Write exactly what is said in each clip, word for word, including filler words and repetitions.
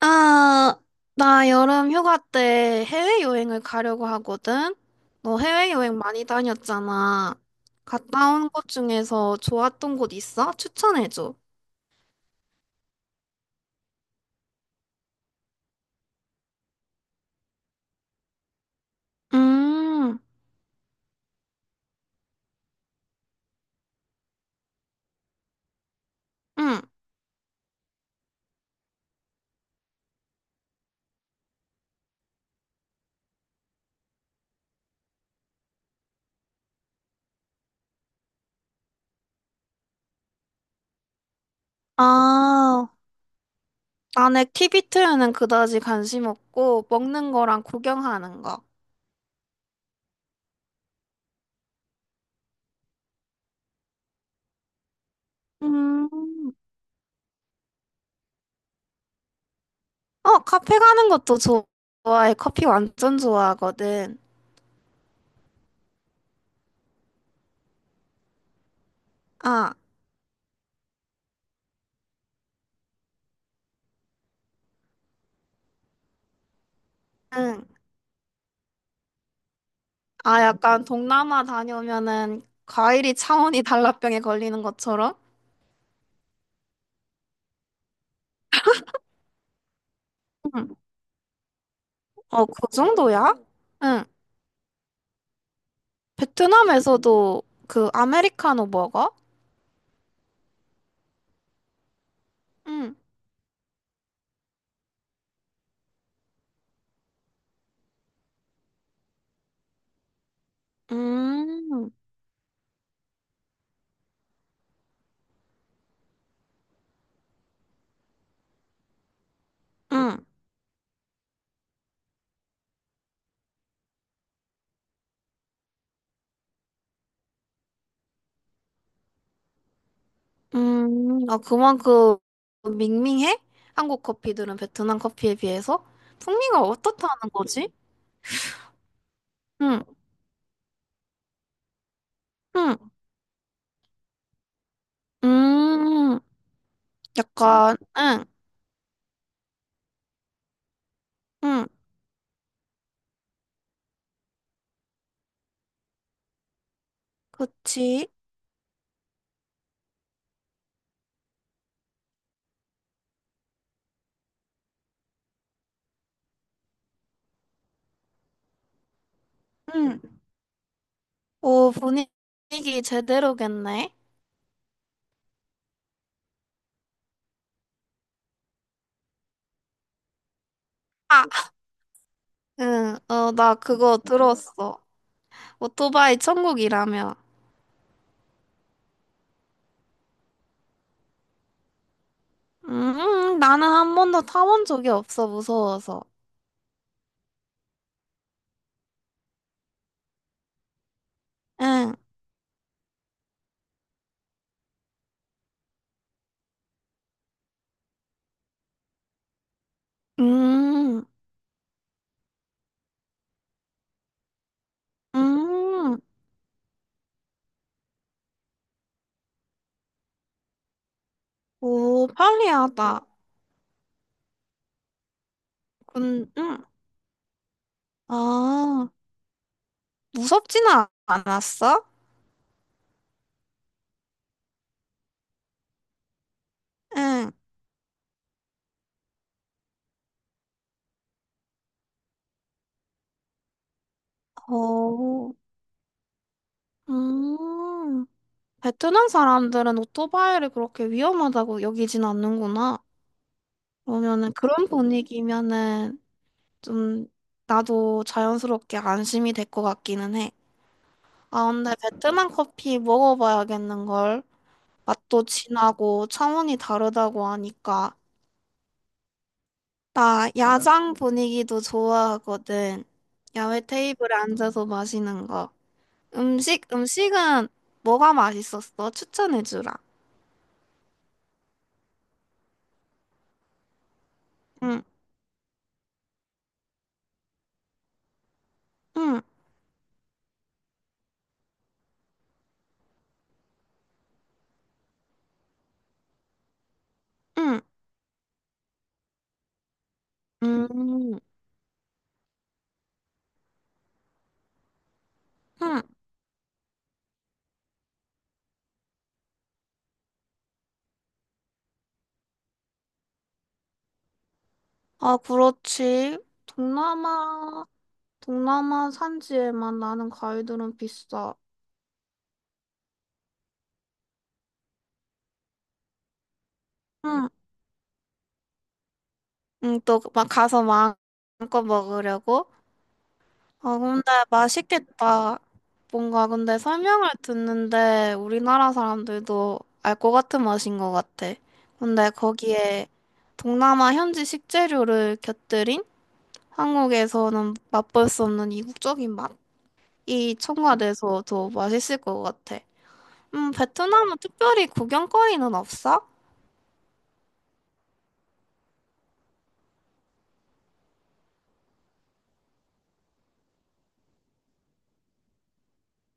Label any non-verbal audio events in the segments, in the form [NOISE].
아, 나 여름 휴가 때 해외여행을 가려고 하거든? 너 해외여행 많이 다녔잖아. 갔다 온 곳 중에서 좋았던 곳 있어? 추천해줘. 음, 응. 아, 난 액티비티에는 그다지 관심 없고, 먹는 거랑 구경하는 거. 음, 어, 카페 가는 것도 좋아해. 커피 완전 좋아하거든. 아, 응. 아, 약간 동남아 다녀오면은 과일이 차원이 [LAUGHS] 달라병에 걸리는 것처럼? 응. 어, 그 정도야? 응. 베트남에서도 그 아메리카노 먹어? 응. 음, 응. 음, 아, 그만큼 밍밍해? 한국 커피들은 베트남 커피에 비해서? 풍미가 어떻다는 거지? 응, 응, 음, 약간, 응, 응, 그치. 응. 오, 분위기 제대로겠네. 아, 응, 어, 나 그거 들었어. 오토바이 천국이라며. 음, 나는 한 번도 타본 적이 없어, 무서워서. 응, 음, 음, 오, 편리하다. 근, 음, 아, 무섭지는 아- 않았어? 응, 오, 음, 베트남 사람들은 오토바이를 그렇게 위험하다고 여기진 않는구나. 그러면은 그런 분위기면은 좀 나도 자연스럽게 안심이 될 것 같기는 해. 아, 근데 베트남 커피 먹어봐야겠는걸. 맛도 진하고 차원이 다르다고 하니까. 나 야장 분위기도 좋아하거든. 야외 테이블에 앉아서 마시는 거. 음식, 음식은 뭐가 맛있었어? 추천해주라. 응, 응, 응, 응, 응. 아, 그렇지. 동남아, 동남아 산지에만 나는 과일들은 비싸. 응, 응, 또 막 가서 마음껏 먹으려고? 아, 근데 맛있겠다. 뭔가 근데 설명을 듣는데 우리나라 사람들도 알 것 같은 맛인 것 같아. 근데 거기에 동남아 현지 식재료를 곁들인 한국에서는 맛볼 수 없는 이국적인 맛이 첨가돼서 더 맛있을 것 같아. 음, 베트남은 특별히 구경거리는 없어?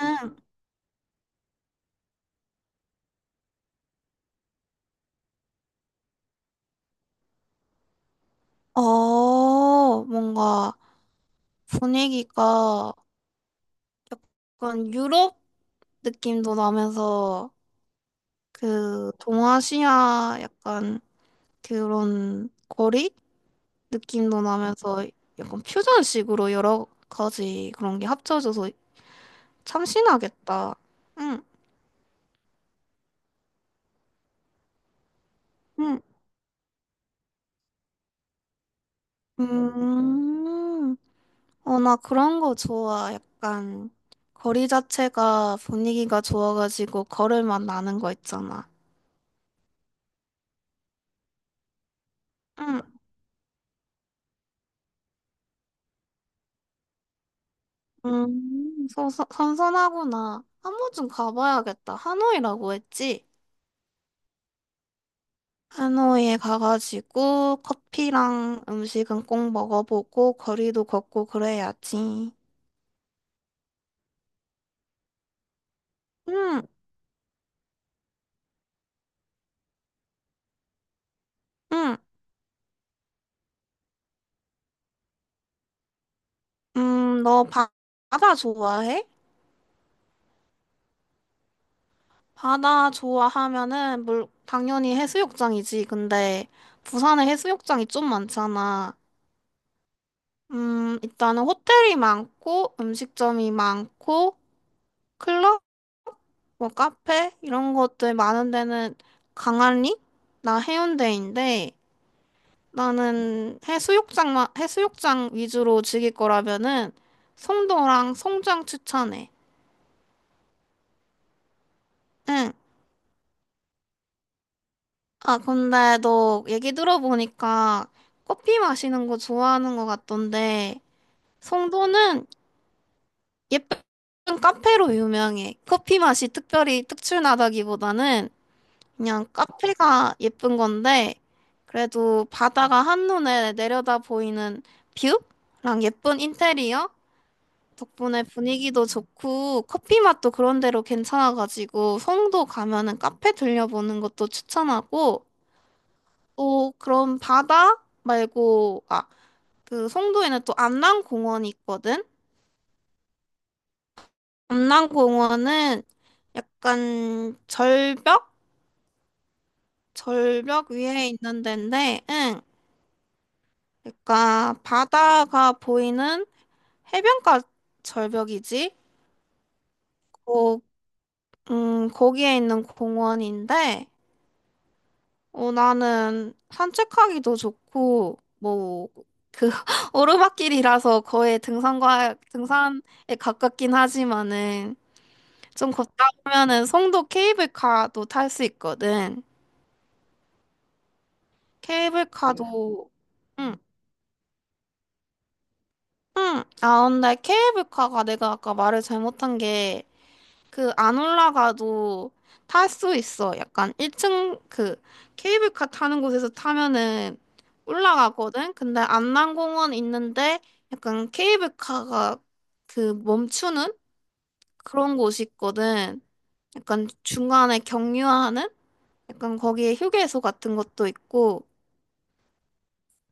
응. 어, 뭔가 분위기가 약간 유럽 느낌도 나면서 그 동아시아 약간 그런 거리 느낌도 나면서 약간 퓨전식으로 여러 가지 그런 게 합쳐져서 참 신나겠다. 응, 응, 음, 어, 나 그런 거 좋아. 약간 거리 자체가 분위기가 좋아가지고 걸을 맛 나는 거 있잖아. 응, 음, 서, 서- 선선하구나. 한 번쯤 가봐야겠다. 하노이라고 했지? 하노이에 가가지고 커피랑 음식은 꼭 먹어보고 거리도 걷고 그래야지. 응, 응, 음, 너 바, 바다 좋아해? 바다 좋아하면은 물, 당연히 해수욕장이지. 근데 부산에 해수욕장이 좀 많잖아. 음, 일단은 호텔이 많고 음식점이 많고 클럽 뭐 카페 이런 것들 많은 데는 강아리? 나 해운대인데 나는 해수욕장만 해수욕장 위주로 즐길 거라면은 송도랑 송정 추천해. 응. 아 근데 너 얘기 들어보니까 커피 마시는 거 좋아하는 것 같던데 송도는 예쁜 카페로 유명해. 커피 맛이 특별히 특출나다기보다는 그냥 카페가 예쁜 건데, 그래도 바다가 한눈에 내려다 보이는 뷰랑 예쁜 인테리어? 덕분에 분위기도 좋고, 커피 맛도 그런 데로 괜찮아가지고, 송도 가면은 카페 들려보는 것도 추천하고, 또 그런 바다 말고, 아, 그 송도에는 또 안남공원이 있거든? 안남공원은 약간 절벽? 절벽 위에 있는 데인데, 응. 그러니까 바다가 보이는 해변가 절벽이지. 거, 음, 거기에 있는 공원인데, 어, 나는 산책하기도 좋고, 뭐, 그 [LAUGHS] 오르막길이라서 거의 등산과 등산에 가깝긴 하지만은 좀 걷다 보면은 송도 케이블카도 탈 수 있거든. 그래? 케이블카도 응, 응. 아, 근데 케이블카가 내가 아까 말을 잘못한 게 그 안 올라가도 탈 수 있어. 약간 일 층 그 케이블카 타는 곳에서 타면은 올라가거든. 근데 안남공원 있는데 약간 케이블카가 그 멈추는 그런 곳이 있거든. 약간 중간에 경유하는 약간 거기에 휴게소 같은 것도 있고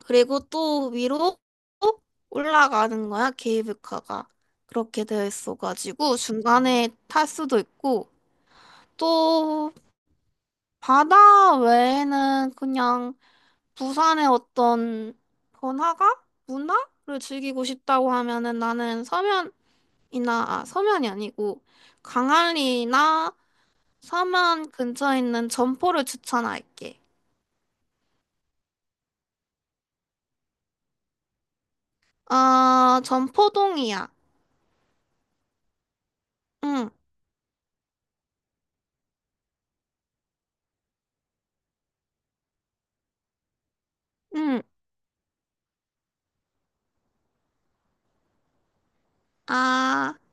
그리고 또 위로 올라가는 거야 케이블카가 그렇게 되어 있어가지고 중간에 탈 수도 있고. 또 바다 외에는 그냥 부산의 어떤 번화가? 문화를 즐기고 싶다고 하면은 나는 서면이나, 아, 서면이 아니고 광안리나 서면 근처에 있는 점포를 추천할게. 아, 점포동이야. 응, 응. 아.